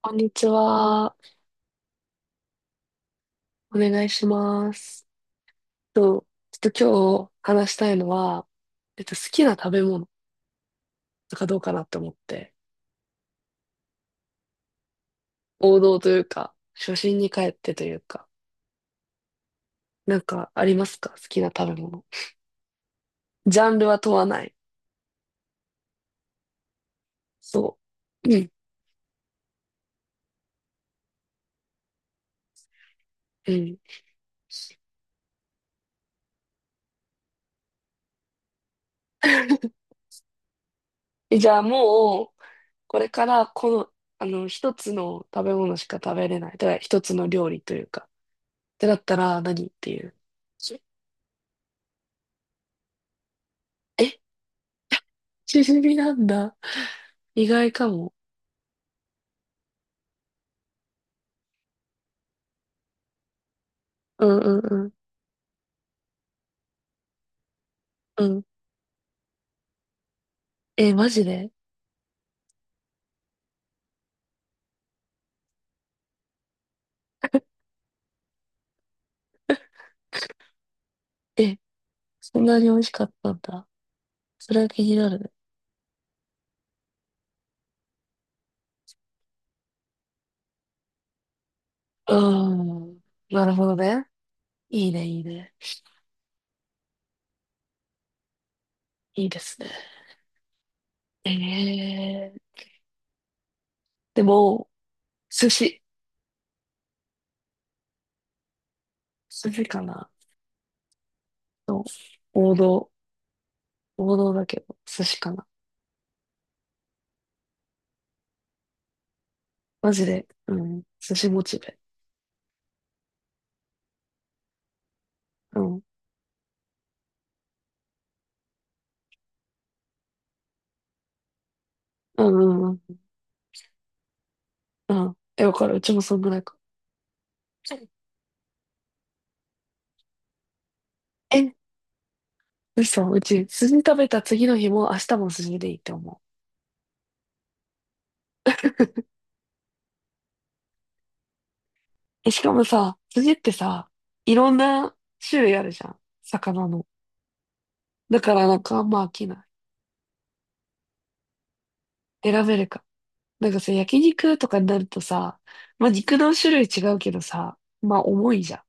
こんにちは。お願いします。と、ちょっと今日話したいのは、好きな食べ物とかどうかなって思って、王道というか、初心に帰ってというか、なんかありますか好きな食べ物？ジャンルは問わない。そう。うん。うん。じゃあもう、これからこの、一つの食べ物しか食べれない。だから一つの料理というか、ってなったら何っていう？えチヂミなんだ。意外かも。うんうんうん。うん。え、マジで。え、そんなに美味しかったんだ。それは気になるね。うん。なるほどね。いいね、いいね。いいですね。えー、でも、寿司。寿司かな。そう、王道。王道だけど、寿司かな。マジで。うん。寿司モチベ。うん。うんうんうん。うん。え、わかる。うちもそんぐらいか。え、嘘、うち、筋食べた次の日も明日も筋でいいって思う。え、しかもさ、筋ってさ、いろんな種類あるじゃん。魚の。だからなんかあんま飽きない。選べるか。なんかさ、焼肉とかになるとさ、まあ肉の種類違うけどさ、まあ重いじゃん。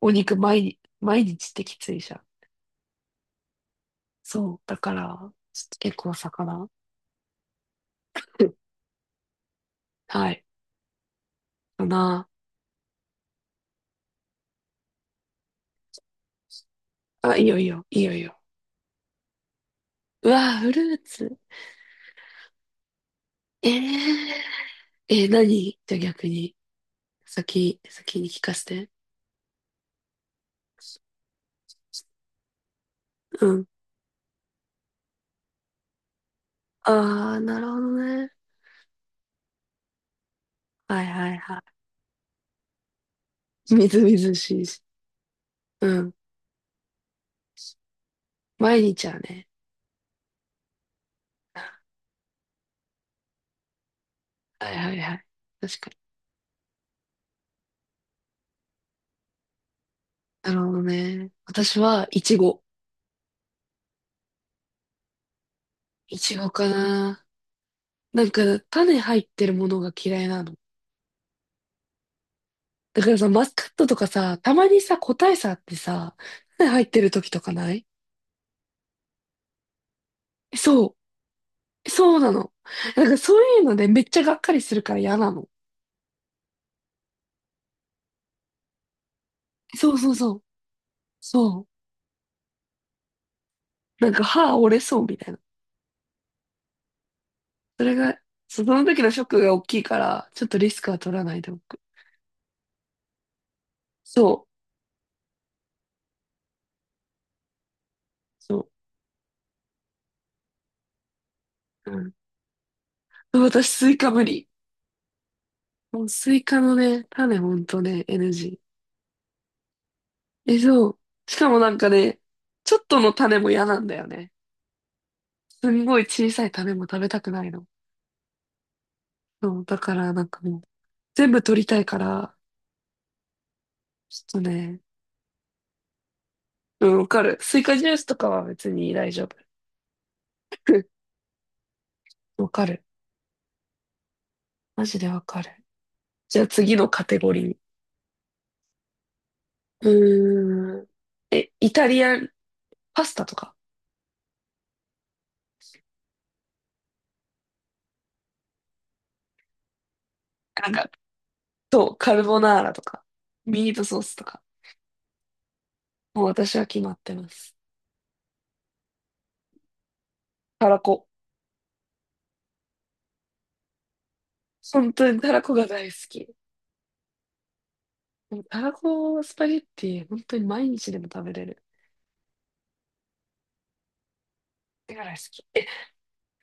お肉毎日、毎日ってきついじゃん。そう。だから、ちょっと結構魚。うん、はい。かな。あ、いいよいいよ、いいよいいよ。うわー、フルーツ。えー、何じゃあ逆に。先に聞かせて。うん。ああ、なるほどね。はいはいはい。みずみずしいし。うん。毎日はね。はいはいはい。確かに。なるほどね。私は、いちご。いちごかな。なんか、種入ってるものが嫌いなの。だからさ、マスカットとかさ、たまにさ、個体差あってさ、種入ってる時とかない？そう。そうなの。なんかそういうので、めっちゃがっかりするから嫌なの。そうそうそう。そう。なんか歯折れそうみたいな。それが、その時のショックが大きいから、ちょっとリスクは取らないでおく。そう。そう。うん、私、スイカ無理。もうスイカのね、種ほんとね、NG。え、そう。しかもなんかね、ちょっとの種も嫌なんだよね。すんごい小さい種も食べたくないの。そう。だからなんかもう、全部取りたいから、ちょっとね、うん、わかる。スイカジュースとかは別に大丈夫。わかる。マジでわかる。じゃあ次のカテゴリー。うーん。え、イタリアンパスタとか。なんか、そう、カルボナーラとか、ミートソースとか。もう私は決まってます。たらこ。本当にたらこが大好き。でもたらこスパゲッティ、本当に毎日でも食べれる。だから好き。え、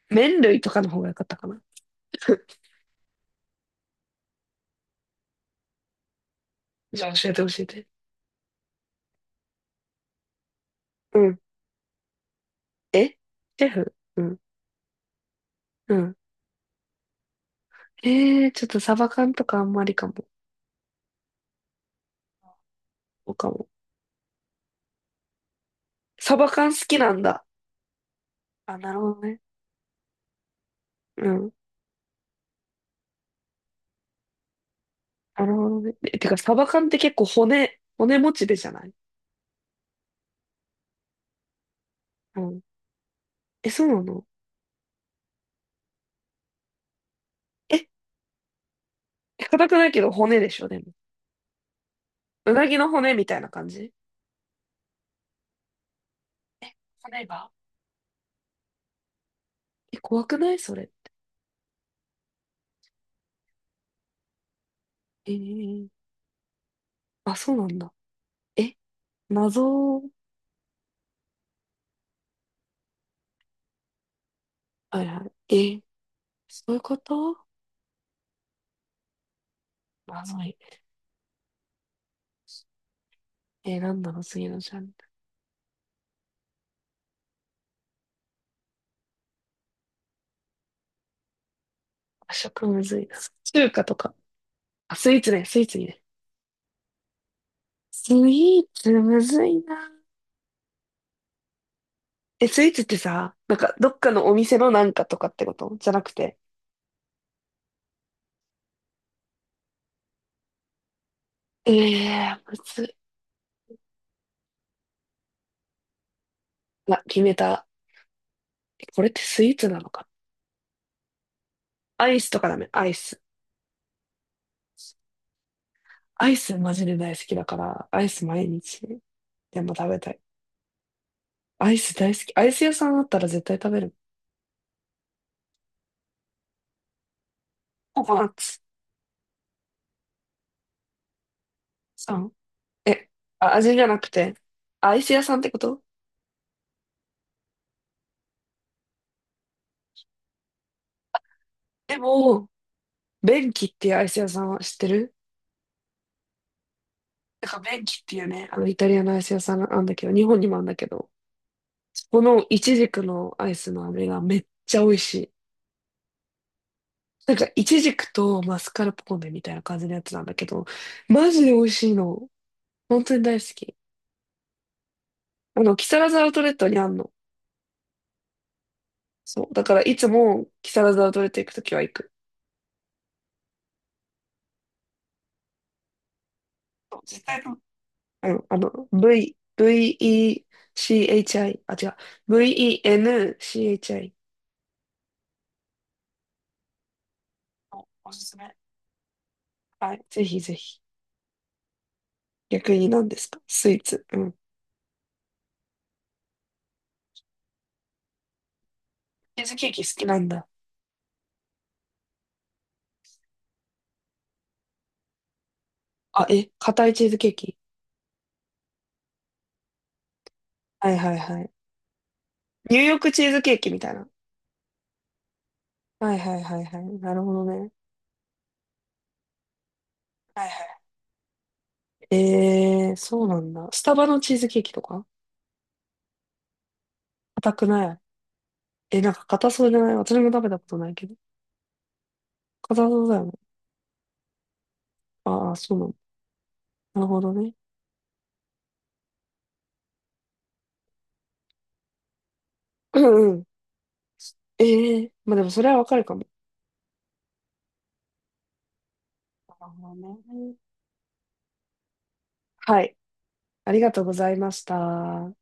麺類とかの方が良かったかな。じゃあ教えて教えて。うん。え、シェフ、うん。うん。ちょっとサバ缶とかあんまりかも。そうかも。サバ缶好きなんだ。あ、なるほどね。うん。なるほどね。え、てか、サバ缶って結構骨持ちでじゃない？うん。え、そうなの？え、硬くないけど骨でしょ、でも。うなぎの骨みたいな感じ？え、骨が。え、怖くないそれ。えー、あ、そうなんだ。え、謎、はいはい。え、そういうこと。謎い。なんだろう、次のジャンル。和食むずいな。中華とか。あ、スイーツね、スイーツにね。スイーツむずいな。え、スイーツってさ、なんか、どっかのお店のなんかとかってことじゃなくて。ええー、むずい。ま、決めた。これってスイーツなのか。アイスとかダメ？アイス。アイスマジで大好きだから、アイス毎日でも食べたい。アイス大好き。アイス屋さんあったら絶対食べる。ココナッツさん。え、あ、味じゃなくて、アイス屋さんってこと？でも、ベンキっていうアイス屋さんは知ってる？なんかベンキっていうね、あのイタリアのアイス屋さんあんだけど、日本にもあんだけど、このイチジクのアイスの飴がめっちゃ美味しい。なんか、イチジクとマスカルポーネみたいな感じのやつなんだけど、マジで美味しいの。本当に大好き。あの、木更津アウトレットにあんの。そう。だから、いつも木更津アウトレット行くときは行く。そう絶対と、V、VECHI、あ、違う、VENCHI のおおすすめ。はい、ぜひぜひ。逆に何ですかスイーツ。うん。チーズケーキ好きなんだ。あ、え、硬いチーズケーキ？はいはいはい。ニューヨークチーズケーキみたいな。はいはいはいはい。なるほどね。はいはい。そうなんだ。スタバのチーズケーキとか硬くない？え、なんか硬そうじゃない？私も食べたことないけど。硬そうだよね。ああ、そうなんだ。なるほどね。うんうん。まあでもそれはわかるかも。なるほどね。はい。ありがとうございました。